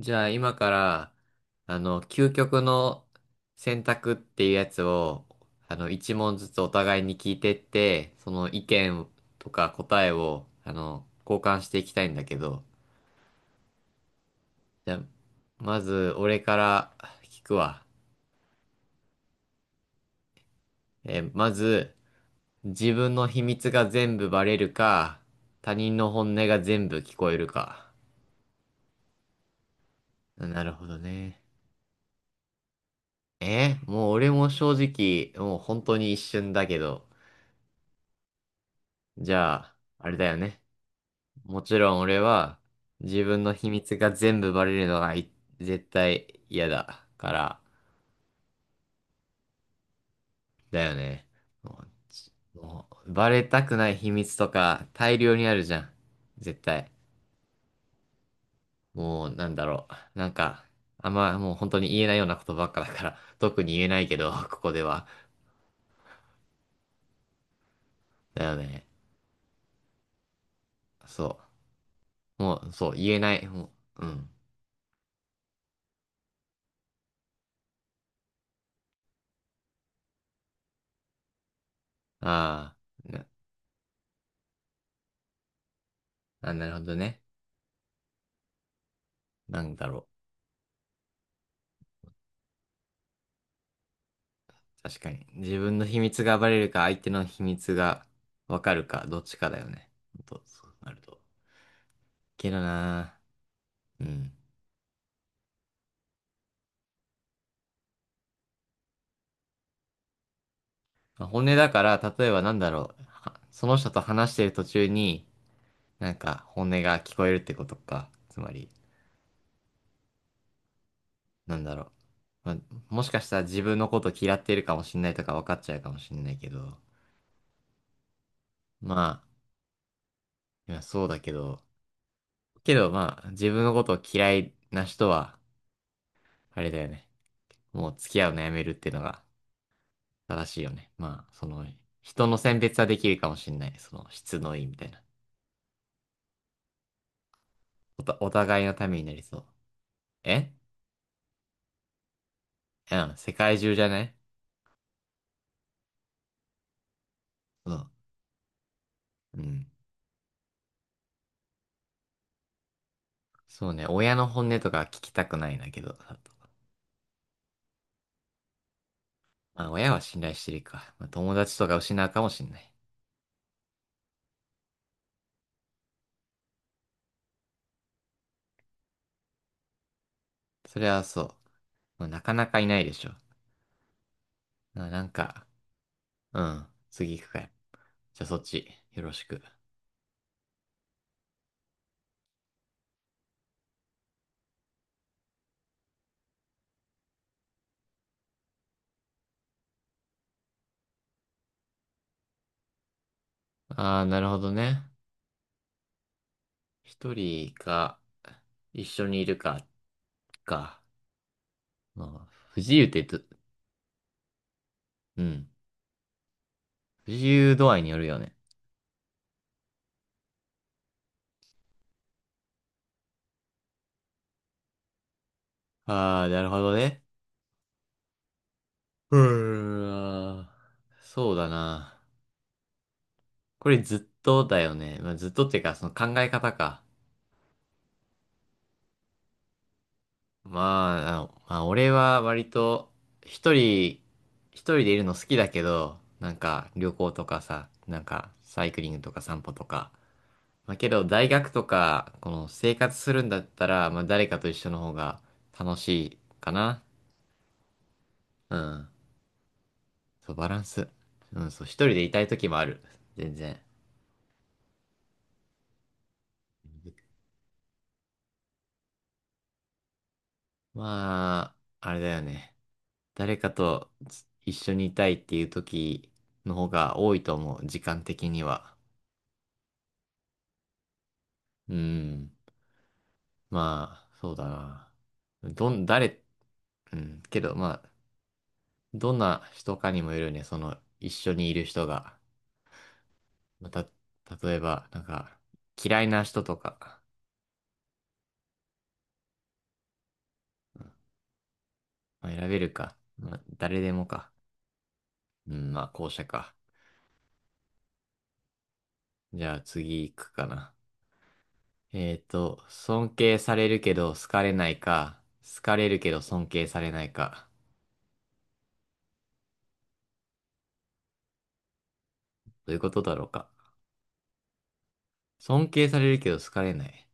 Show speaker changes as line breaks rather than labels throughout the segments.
じゃあ今から、究極の選択っていうやつを、一問ずつお互いに聞いてって、その意見とか答えを、交換していきたいんだけど、じゃあ、まず俺から聞くわ。まず、自分の秘密が全部バレるか、他人の本音が全部聞こえるか。なるほどね。もう俺も正直、もう本当に一瞬だけど、じゃあ、あれだよね。もちろん俺は自分の秘密が全部バレるのがい絶対嫌だから、だよね。ももうバレたくない秘密とか大量にあるじゃん。絶対。もうなんだろう。なんか、あんまもう本当に言えないようなことばっかだから、特に言えないけど、ここでは。だよね。そう。もう、そう、言えない。もう、うん。ああ、な、あ、なるほどね。なんだろう。確かに。自分の秘密が暴れるか、相手の秘密がわかるか、どっちかだよね。ほんとそうなると。けどなぁ。うん。まあ本音だから、例えばなんだろう。はその人と話してる途中に、なんか本音が聞こえるってことか。つまり、なんだろう。まあ、もしかしたら自分のこと嫌ってるかもしんないとか分かっちゃうかもしんないけど。まあ、いやそうだけど。けどまあ、自分のことを嫌いな人は、あれだよね。もう付き合うのやめるっていうのが。正しいよね。まあ、その、人の選別はできるかもしれない。その、質のいいみたいな。おた、お互いのためになりそう。えうん、世界中じゃないそう。うん。そうね、親の本音とか聞きたくないんだけど。まあ、親は信頼してるか。まあ、友達とか失うかもしれない。それはそう。まあ、なかなかいないでしょ。まあ、なんか、うん、次行くかい。じゃあそっち、よろしく。ああ、なるほどね。一人か、一緒にいるか、か。まあ、不自由ってどうん。自由度合いによるよね。ああ、なるほどね。うーん。そうだな。これずっとだよね。まあ、ずっとっていうか、その考え方か。まあ、まあ、俺は割と一人、一人でいるの好きだけど、なんか旅行とかさ、なんかサイクリングとか散歩とか。まあ、けど大学とか、この生活するんだったら、まあ、誰かと一緒の方が楽しいかな。うん。そう、バランス。うん、そう、一人でいたい時もある。全然。まあ、あれだよね。誰かとつ一緒にいたいっていう時の方が多いと思う。時間的には。うん。まあ、そうだな。どん、誰、うん。けど、まあ、どんな人かにもよるよね。その、一緒にいる人が。また、例えば、なんか、嫌いな人とか、まあ、選べるか。まあ、誰でもか。うん、まあ、後者か。じゃあ次行くかな。尊敬されるけど好かれないか、好かれるけど尊敬されないか。どういうことだろうか。尊敬されるけど好かれない。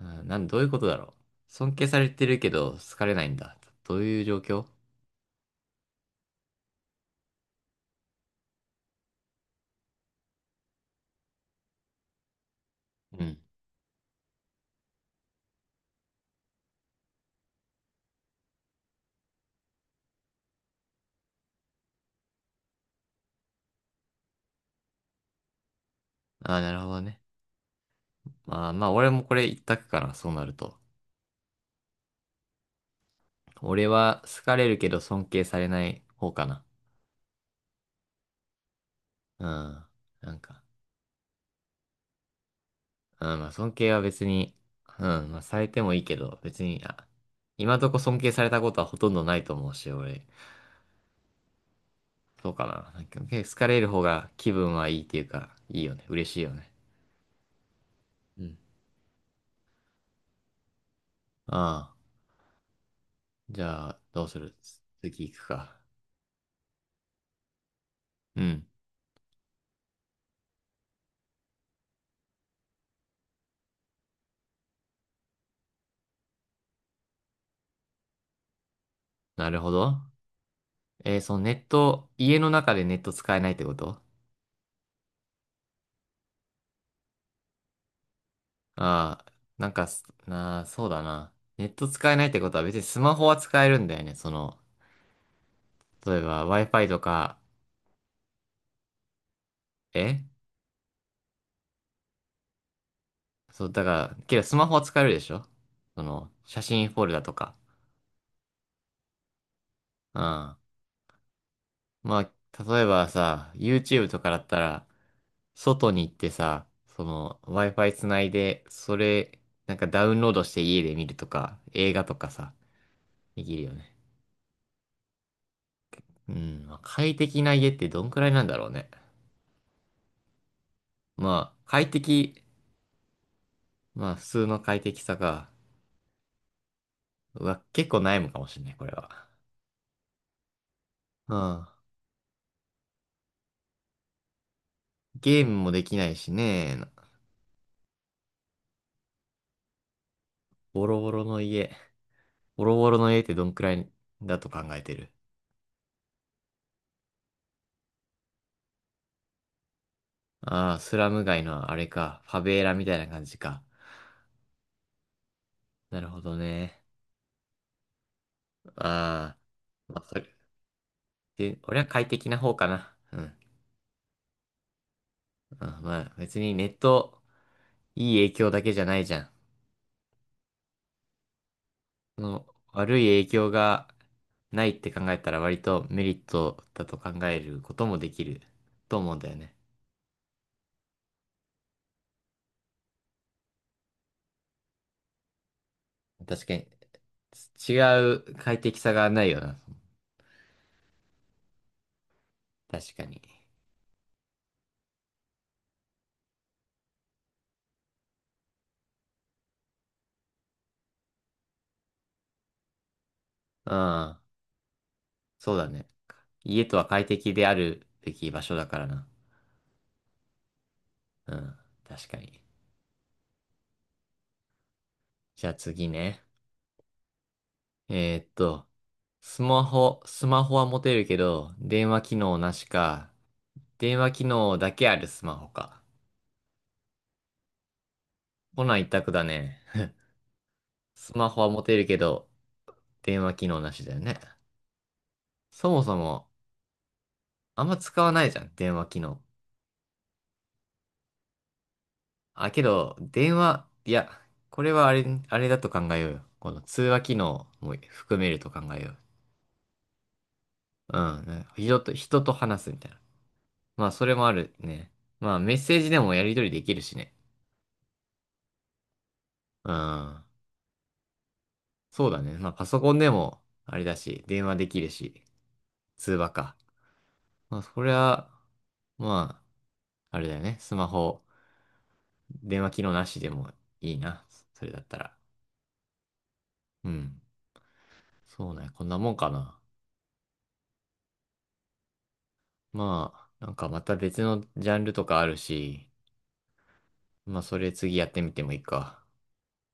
うん、なん、どういうことだろう。尊敬されてるけど好かれないんだ。どういう状況うん。ああ、なるほどね。まあまあ、俺もこれ一択かな、そうなると。俺は好かれるけど尊敬されない方かな。うん。なんか。うん、まあ尊敬は別に、うん、まあされてもいいけど、別に、あ、今んとこ尊敬されたことはほとんどないと思うし、俺、そうかな。なんか好かれる方が気分はいいっていうか、いいよね。嬉しいよね。うん。ああ、じゃあ、どうする次行くか。うん、なるほど。そのネット、家の中でネット使えないってことああ、なんかす、なあ、そうだな。ネット使えないってことは別にスマホは使えるんだよね。その、例えば Wi-Fi とか、えそう、だから、けどスマホは使えるでしょその、写真フォルダとか。うん。まあ、例えばさ、YouTube とかだったら、外に行ってさ、その、Wi-Fi つないで、それ、なんかダウンロードして家で見るとか、映画とかさ、できるよね。うん。まあ、快適な家ってどんくらいなんだろうね。まあ、快適、まあ、普通の快適さが、うわ、結構悩むかもしれない、これは。うん。ゲームもできないしね、ボロボロの家。ボロボロの家ってどんくらいだと考えてるああー、スラム街のあれか。ファベーラみたいな感じか。なるほどね。ああ、まあ、それ、で、俺は快適な方かな。うん。あ、まあ、別にネット、いい影響だけじゃないじゃん。その、悪い影響がないって考えたら割とメリットだと考えることもできると思うんだよね。確かに、違う快適さがないよな。確かに。うん。そうだね。家とは快適であるべき場所だからな。うん。確かに。じゃあ次ね。えーっと、スマホ、スマホは持てるけど、電話機能なしか、電話機能だけあるスマホか。こない一択だね。スマホは持てるけど、電話機能なしだよね。そもそも、あんま使わないじゃん、電話機能。あ、けど、電話、いや、これはあれ、あれだと考えようよ。この通話機能も含めると考えよう。うん。人と、人と話すみたいな。まあ、それもあるね。まあ、メッセージでもやり取りできるしね。うん。そうだね。まあ、パソコンでも、あれだし、電話できるし、通話か。まあ、そりゃ、まあ、あれだよね。スマホ、電話機能なしでもいいな。それだったら。うん。そうね。こんなもんかな。まあ、なんかまた別のジャンルとかあるし、まあ、それ次やってみてもいいか。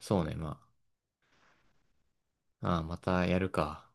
そうね。まあ、ああ、またやるか。